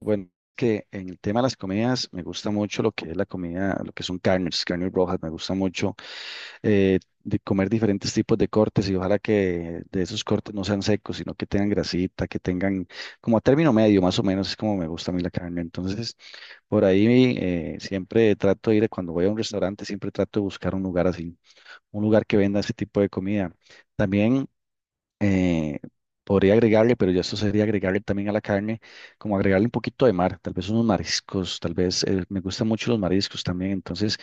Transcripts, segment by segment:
Bueno, que en el tema de las comidas me gusta mucho lo que es la comida, lo que son carnes, carnes rojas. Me gusta mucho de comer diferentes tipos de cortes y ojalá que de esos cortes no sean secos, sino que tengan grasita, que tengan como a término medio, más o menos, es como me gusta a mí la carne. Entonces, por ahí siempre trato de ir, cuando voy a un restaurante, siempre trato de buscar un lugar así, un lugar que venda ese tipo de comida. También eh, podría agregarle, pero ya esto sería agregarle también a la carne, como agregarle un poquito de mar, tal vez unos mariscos, tal vez, me gustan mucho los mariscos también, entonces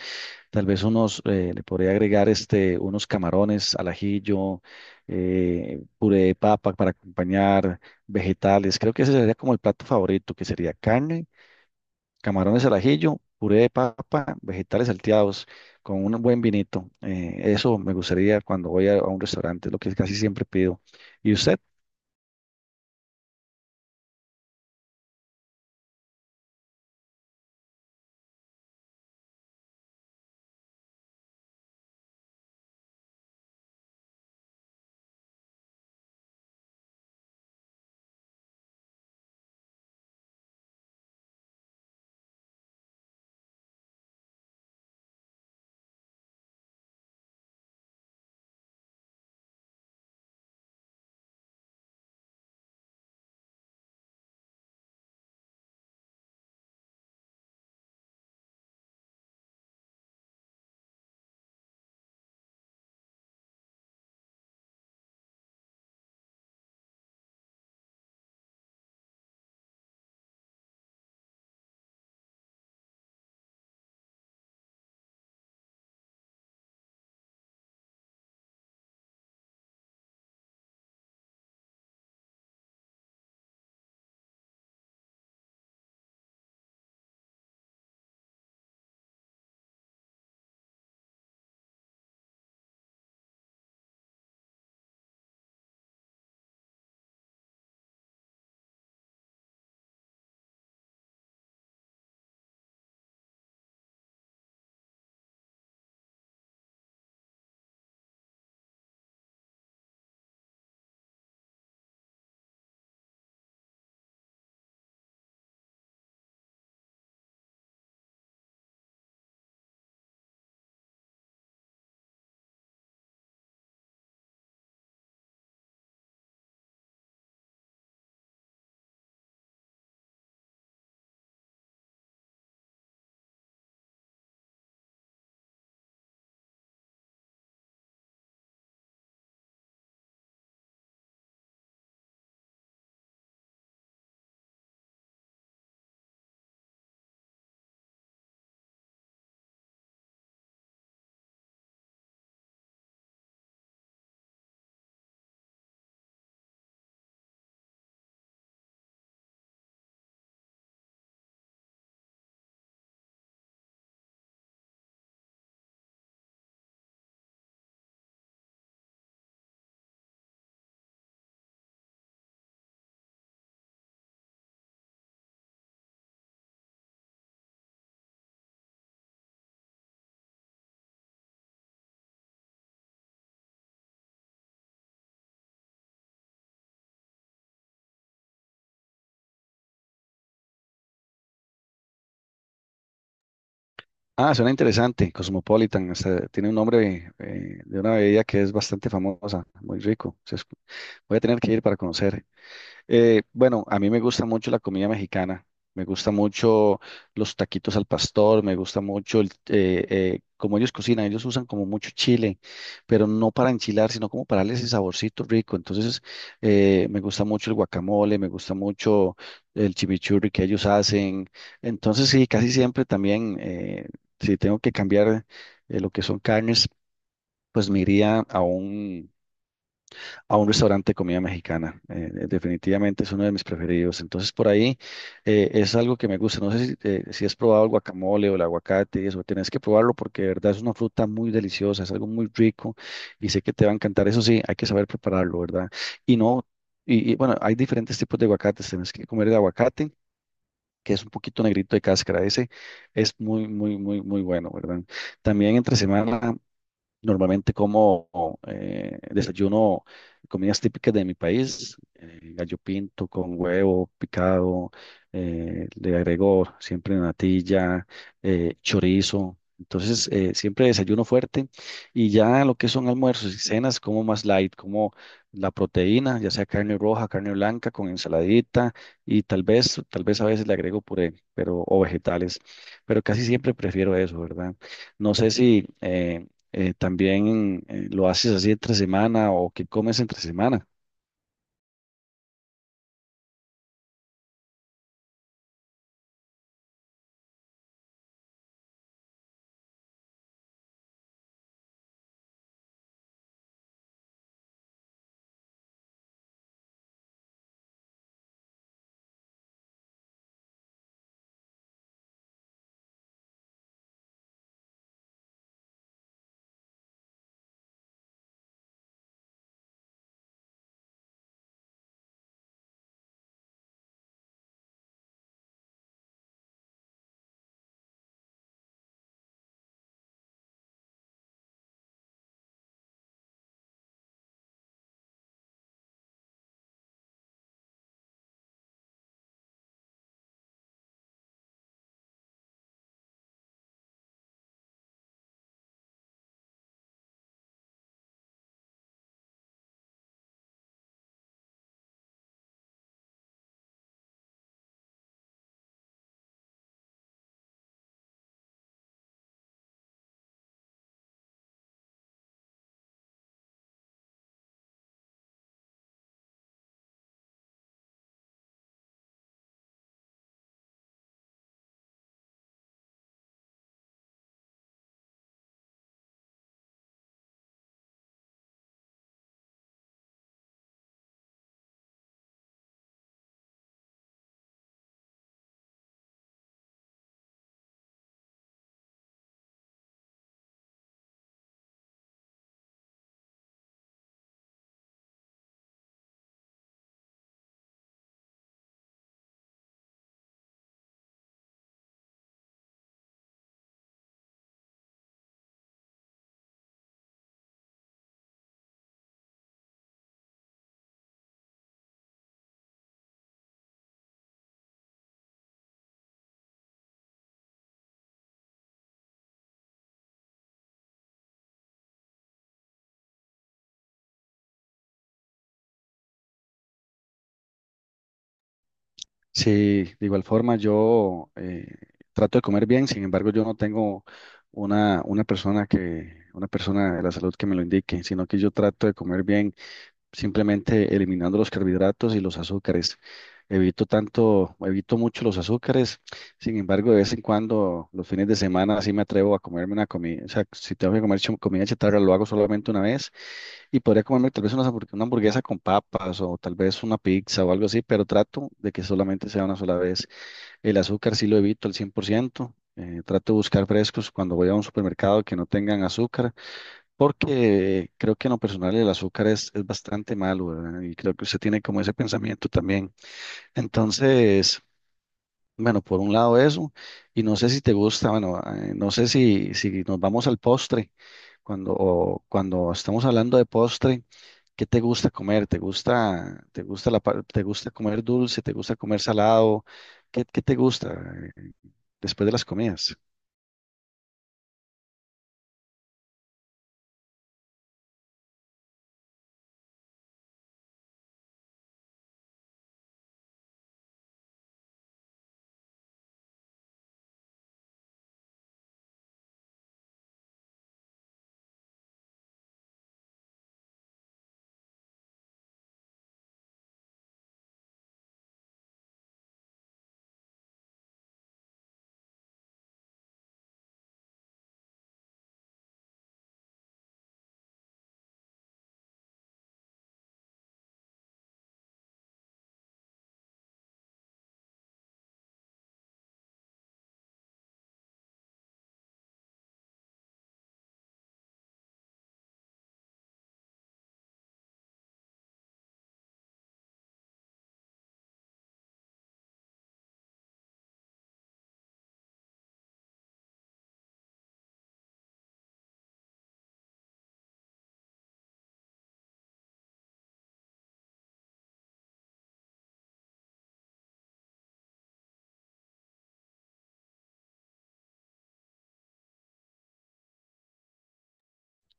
tal vez unos, le podría agregar este, unos camarones al ajillo, puré de papa para acompañar vegetales, creo que ese sería como el plato favorito, que sería carne, camarones al ajillo, puré de papa, vegetales salteados. Con un buen vinito. Eso me gustaría cuando voy a un restaurante, es lo que casi siempre pido. ¿Y usted? Ah, suena interesante, Cosmopolitan, hasta tiene un nombre de una bebida que es bastante famosa, muy rico. Voy a tener que ir para conocer. Bueno, a mí me gusta mucho la comida mexicana, me gusta mucho los taquitos al pastor, me gusta mucho el, como ellos cocinan, ellos usan como mucho chile, pero no para enchilar, sino como para darle ese saborcito rico. Entonces, me gusta mucho el guacamole, me gusta mucho el chimichurri que ellos hacen. Entonces, sí, casi siempre también, si tengo que cambiar lo que son carnes, pues me iría a un restaurante de comida mexicana. Definitivamente es uno de mis preferidos. Entonces, por ahí es algo que me gusta. No sé si, si has probado el guacamole o el aguacate y eso. Tienes que probarlo porque de verdad es una fruta muy deliciosa, es algo muy rico y sé que te va a encantar. Eso sí, hay que saber prepararlo, ¿verdad? Y no, bueno, hay diferentes tipos de aguacates. Tienes que comer el aguacate que es un poquito negrito de cáscara, ese es muy, muy, muy, muy bueno, ¿verdad? También entre semana normalmente como desayuno comidas típicas de mi país, gallo pinto con huevo picado, le agrego siempre natilla, chorizo. Entonces, siempre desayuno fuerte y ya lo que son almuerzos y cenas, como más light, como la proteína, ya sea carne roja, carne blanca, con ensaladita y tal vez a veces le agrego puré, pero, o vegetales, pero casi siempre prefiero eso, ¿verdad? No sé si también lo haces así entre semana o qué comes entre semana. Sí, de igual forma yo trato de comer bien, sin embargo yo no tengo una persona que, una persona de la salud que me lo indique, sino que yo trato de comer bien simplemente eliminando los carbohidratos y los azúcares. Evito tanto, evito mucho los azúcares. Sin embargo, de vez en cuando, los fines de semana, sí me atrevo a comerme una comida. O sea, si tengo que comer comida chatarra, lo hago solamente una vez. Y podría comerme tal vez una, una hamburguesa con papas o tal vez una pizza o algo así, pero trato de que solamente sea una sola vez. El azúcar sí lo evito al 100%. Trato de buscar frescos cuando voy a un supermercado que no tengan azúcar porque creo que en lo personal el azúcar es bastante malo, ¿verdad? Y creo que usted tiene como ese pensamiento también. Entonces, bueno, por un lado eso, y no sé si te gusta, bueno, no sé si, si nos vamos al postre, cuando, o cuando estamos hablando de postre, ¿qué te gusta comer? Te gusta la, te gusta comer dulce? ¿Te gusta comer salado? ¿Qué, qué te gusta eh, después de las comidas?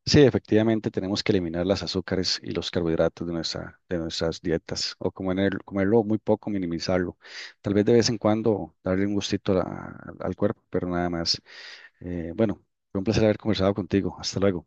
Sí, efectivamente tenemos que eliminar las azúcares y los carbohidratos de nuestra, de nuestras dietas o comerlo muy poco, minimizarlo. Tal vez de vez en cuando darle un gustito al cuerpo, pero nada más. Bueno, fue un placer haber conversado contigo. Hasta luego.